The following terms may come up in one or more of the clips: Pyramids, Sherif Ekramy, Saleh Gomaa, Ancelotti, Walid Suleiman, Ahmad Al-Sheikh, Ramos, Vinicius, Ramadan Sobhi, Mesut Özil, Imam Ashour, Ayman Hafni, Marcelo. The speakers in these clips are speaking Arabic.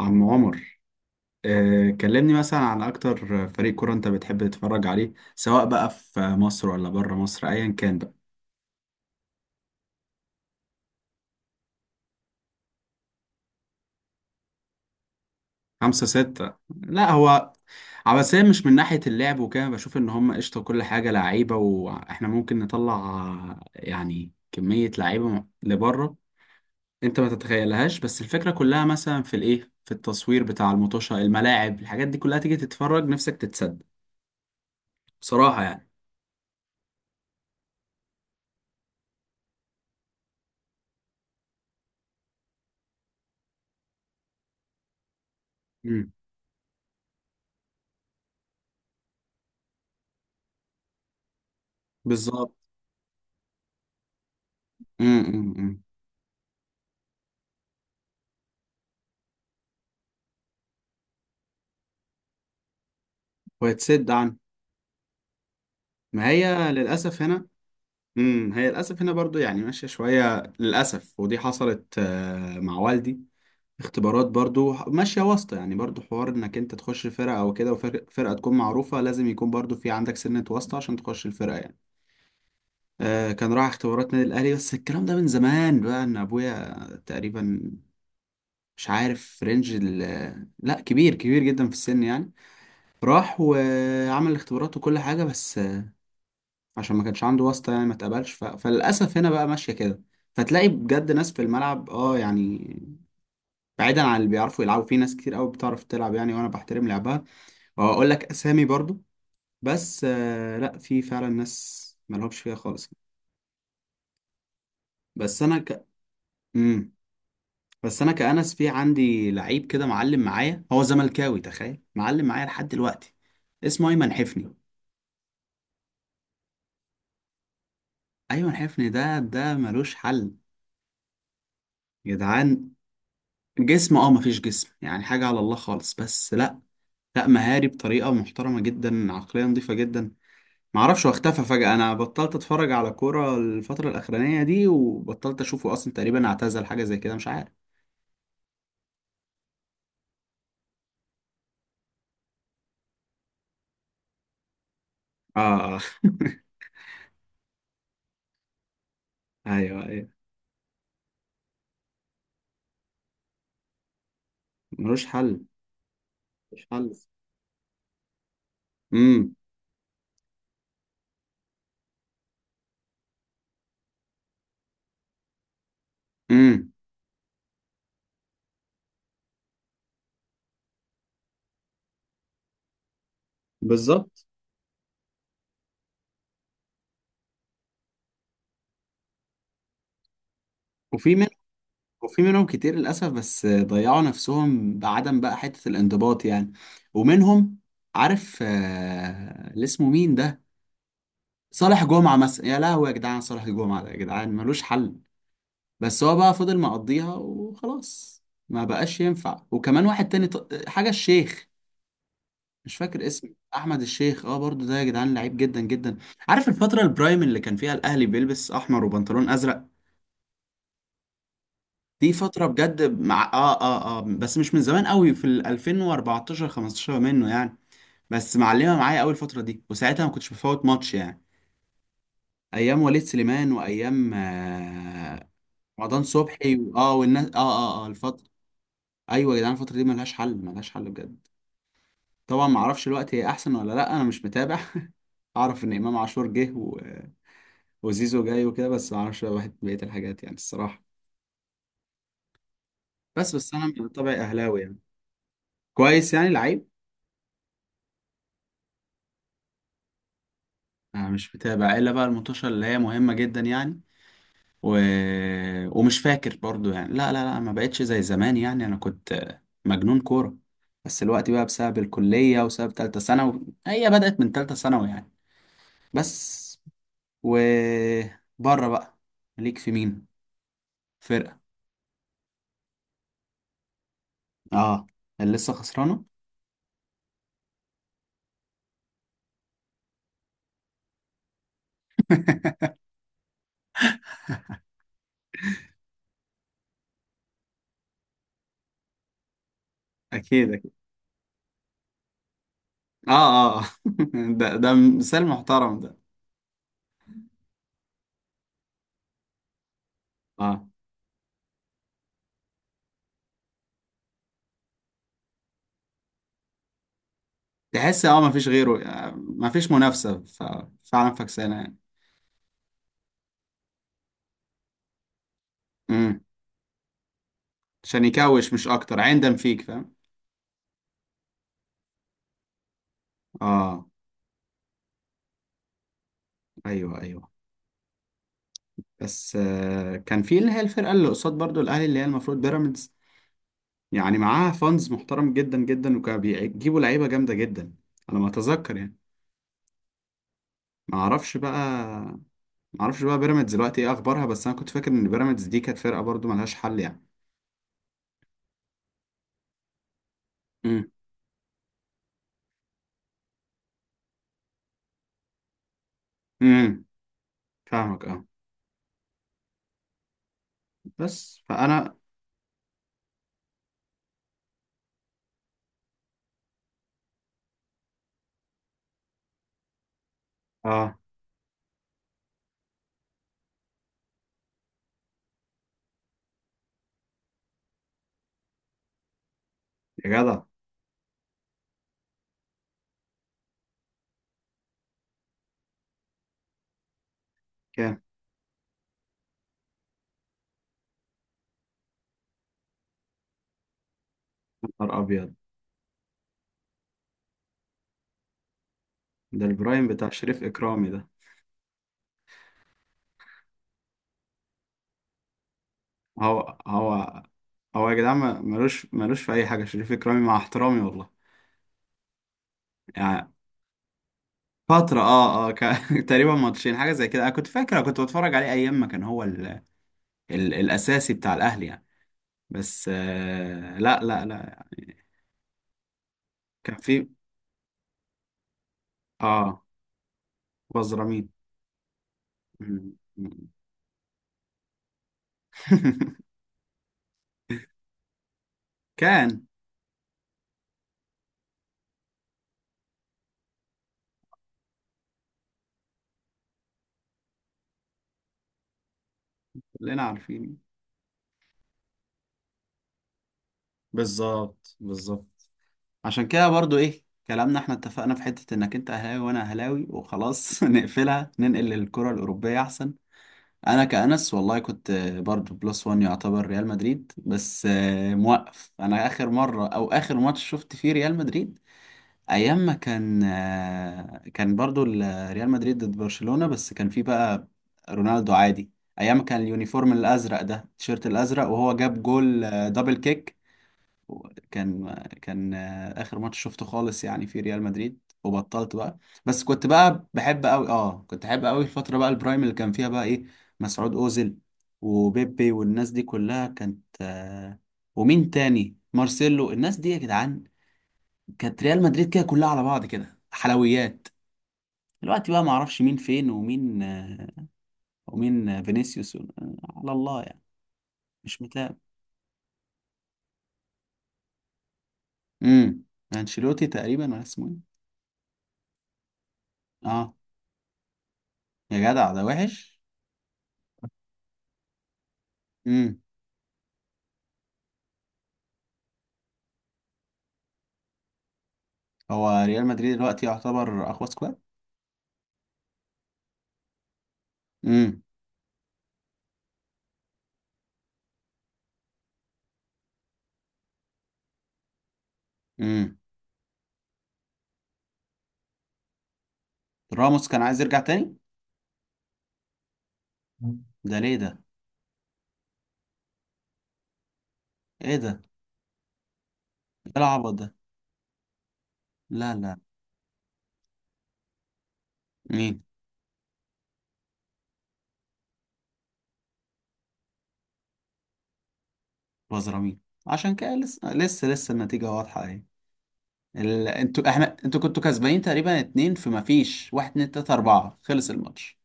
عم عمر، كلمني مثلا عن اكتر فريق كورة انت بتحب تتفرج عليه سواء بقى في مصر ولا بره مصر ايا كان بقى. خمسة ستة. لا، هو عباسية مش من ناحية اللعب وكده. بشوف ان هم قشطة كل حاجة لعيبة، واحنا ممكن نطلع يعني كمية لعيبة لبره. انت ما تتخيلهاش، بس الفكرة كلها مثلا في الايه، في التصوير بتاع المطوشة، الملاعب، الحاجات دي كلها. تيجي تتفرج، نفسك تتصدق بصراحة يعني. امم بالظبط. أمم، أمم. ويتسد عنه. ما هي للأسف هنا. هي للأسف هنا برضو يعني ماشية شوية للأسف، ودي حصلت مع والدي. اختبارات برضو ماشية واسطة، يعني برضو حوار انك انت تخش فرقة او كده، وفرقة تكون معروفة لازم يكون برضو في عندك سنة واسطة عشان تخش الفرقة يعني. آه، كان راح اختبارات نادي الاهلي، بس الكلام ده من زمان بقى. ان ابويا تقريبا، مش عارف رينج لا، كبير كبير جدا في السن يعني. راح وعمل اختبارات وكل حاجة، بس عشان ما كانش عنده واسطة يعني ما اتقبلش. فللأسف هنا بقى ماشية كده. فتلاقي بجد ناس في الملعب، اه يعني بعيدا عن اللي بيعرفوا يلعبوا، في ناس كتير قوي بتعرف تلعب يعني، وانا بحترم لعبها واقول لك اسامي برضو. بس آه، لا، في فعلا ناس ملهمش فيها خالص. بس انا ك مم. بس انا كأنس، في عندي لعيب كده معلم معايا، هو زملكاوي، تخيل، معلم معايا لحد دلوقتي. اسمه ايمن حفني. ايمن حفني ده ملوش حل يا جدعان. جسم، اه مفيش جسم يعني، حاجة على الله خالص، بس لا، لا، مهاري بطريقة محترمة جدا، عقلية نظيفة جدا. معرفش هو اختفى فجأة، أنا بطلت أتفرج على كورة الفترة الأخرانية دي وبطلت أشوفه أصلا. تقريبا اعتزل، حاجة زي كده، مش عارف. آه آه. أيوه، أيوه، ملوش حل، ملوش حل. امم امم بالظبط. وفي من وفي منهم كتير للأسف، بس ضيعوا نفسهم بعدم بقى حتة الانضباط يعني. ومنهم، عارف، اللي اسمه مين ده؟ صالح جمعة مثلا، يا لهوي يا جدعان، صالح جمعة ده يا جدعان ملوش حل، بس هو بقى فضل مقضيها وخلاص، ما بقاش ينفع. وكمان واحد تاني، حاجة الشيخ، مش فاكر اسمه، احمد الشيخ، اه برضو ده يا جدعان لعيب جدا جدا. عارف الفترة البرايم اللي كان فيها الاهلي بيلبس احمر وبنطلون ازرق؟ دي فترة بجد مع بس مش من زمان قوي، في ال 2014 15 منه يعني. بس معلمة معايا قوي الفترة دي، وساعتها ما كنتش بفوت ماتش يعني. ايام وليد سليمان، وايام رمضان صبحي والناس، الفترة. ايوه يا جدعان، الفتره دي ملهاش حل، ملهاش حل بجد. طبعا ما اعرفش الوقت هي احسن ولا لا، انا مش متابع. اعرف ان امام عاشور جه وزيزو جاي وكده، بس ما اعرفش بقى بقيه الحاجات يعني، الصراحه. بس انا من طبعي اهلاوي يعني. كويس، يعني لعيب. انا مش متابع، الا بقى المنتشر اللي هي مهمه جدا يعني. و... ومش فاكر برضو يعني، لا، ما بقتش زي زمان يعني. انا كنت مجنون كوره، بس الوقت بقى بسبب الكليه، وسبب تالتة ثانوي، هي بدات من تالتة ثانوي يعني. بس. وبره بقى، ليك في مين فرقة؟ اه، اللي لسه خسرانة. اكيد، اكيد. اه اه آه. ده، ده مثال محترم ده. اه، تحس اه مفيش غيره، مفيش منافسة، ففعلا فكسانة يعني. امم عشان يكوش، مش اكتر، عندم فيك فاهم. اه، ايوه، ايوه. بس آه، كان في اللي هي الفرقة اللي قصاد برضو الاهلي، اللي هي المفروض بيراميدز يعني، معاها فانز محترم جدا جدا، وكانوا بيجيبوا لعيبة جامدة جدا على ما اتذكر يعني. ما اعرفش بقى، معرفش بقى بيراميدز دلوقتي ايه اخبارها، بس انا كنت فاكر ان بيراميدز دي كانت فرقه برضو ملهاش حل يعني. امم امم فاهمك، اه، بس فانا، اه. يا جدع، كام، نهار ابيض، ده البرايم بتاع شريف اكرامي ده. هو هو هو يا جدعان ملوش في اي حاجه شريف اكرامي، مع احترامي والله يعني. فترة، تقريبا ماتشين حاجة زي كده، انا كنت فاكر، أنا كنت بتفرج عليه ايام ما كان هو ال... الاساسي بتاع الاهلي يعني. بس آه، لا يعني. كان في، اه، بزرامين. مم. مم. كان. كلنا عارفين. بالظبط، بالظبط. عشان كده برضو ايه كلامنا، احنا اتفقنا في حتة انك انت اهلاوي وانا اهلاوي وخلاص. نقفلها، ننقل للكرة الاوروبية احسن. انا كأنس والله كنت برضو بلس وان، يعتبر ريال مدريد. بس آه، موقف، انا اخر مرة او اخر ماتش شفت فيه ريال مدريد، ايام ما كان كان برضو ريال مدريد ضد برشلونة. بس كان في بقى رونالدو عادي، ايام ما كان اليونيفورم الازرق ده، التيشيرت الازرق، وهو جاب جول، دبل كيك. كان اخر ماتش شفته خالص يعني في ريال مدريد، وبطلت بقى. بس كنت بقى بحب قوي، اه، كنت احب قوي الفترة بقى، البرايم اللي كان فيها بقى ايه، مسعود اوزيل، وبيبي، والناس دي كلها كانت ومين تاني، مارسيلو، الناس دي يا جدعان، كانت ريال مدريد كده كلها على بعض كده حلويات. دلوقتي بقى ما اعرفش مين فين، ومين ومين فينيسيوس، على الله يعني. مش متابع. امم انشيلوتي تقريبا، ولا اسمه ايه. اه، يا جدع ده وحش. امم هو ريال مدريد دلوقتي يعتبر اقوى سكواد. امم امم راموس كان عايز يرجع تاني. ده ليه ده؟ ايه ده؟ ايه العبط ده؟ لا، لا. مين؟ بزرامين. عشان كده لسه لسه لسه النتيجة واضحة اهي. انتوا، احنا، انتوا كنتوا كسبانين تقريبا اتنين، فما فيش، واحد اتنين تلاتة اربعة، خلص الماتش.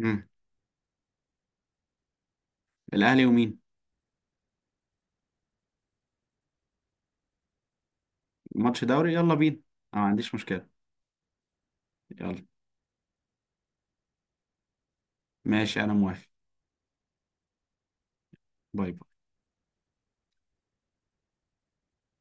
امم الاهلي ومين؟ ماتش دوري، يلا بينا، انا ما عنديش مشكلة، يلا. ماشي، انا موافق. باي باي.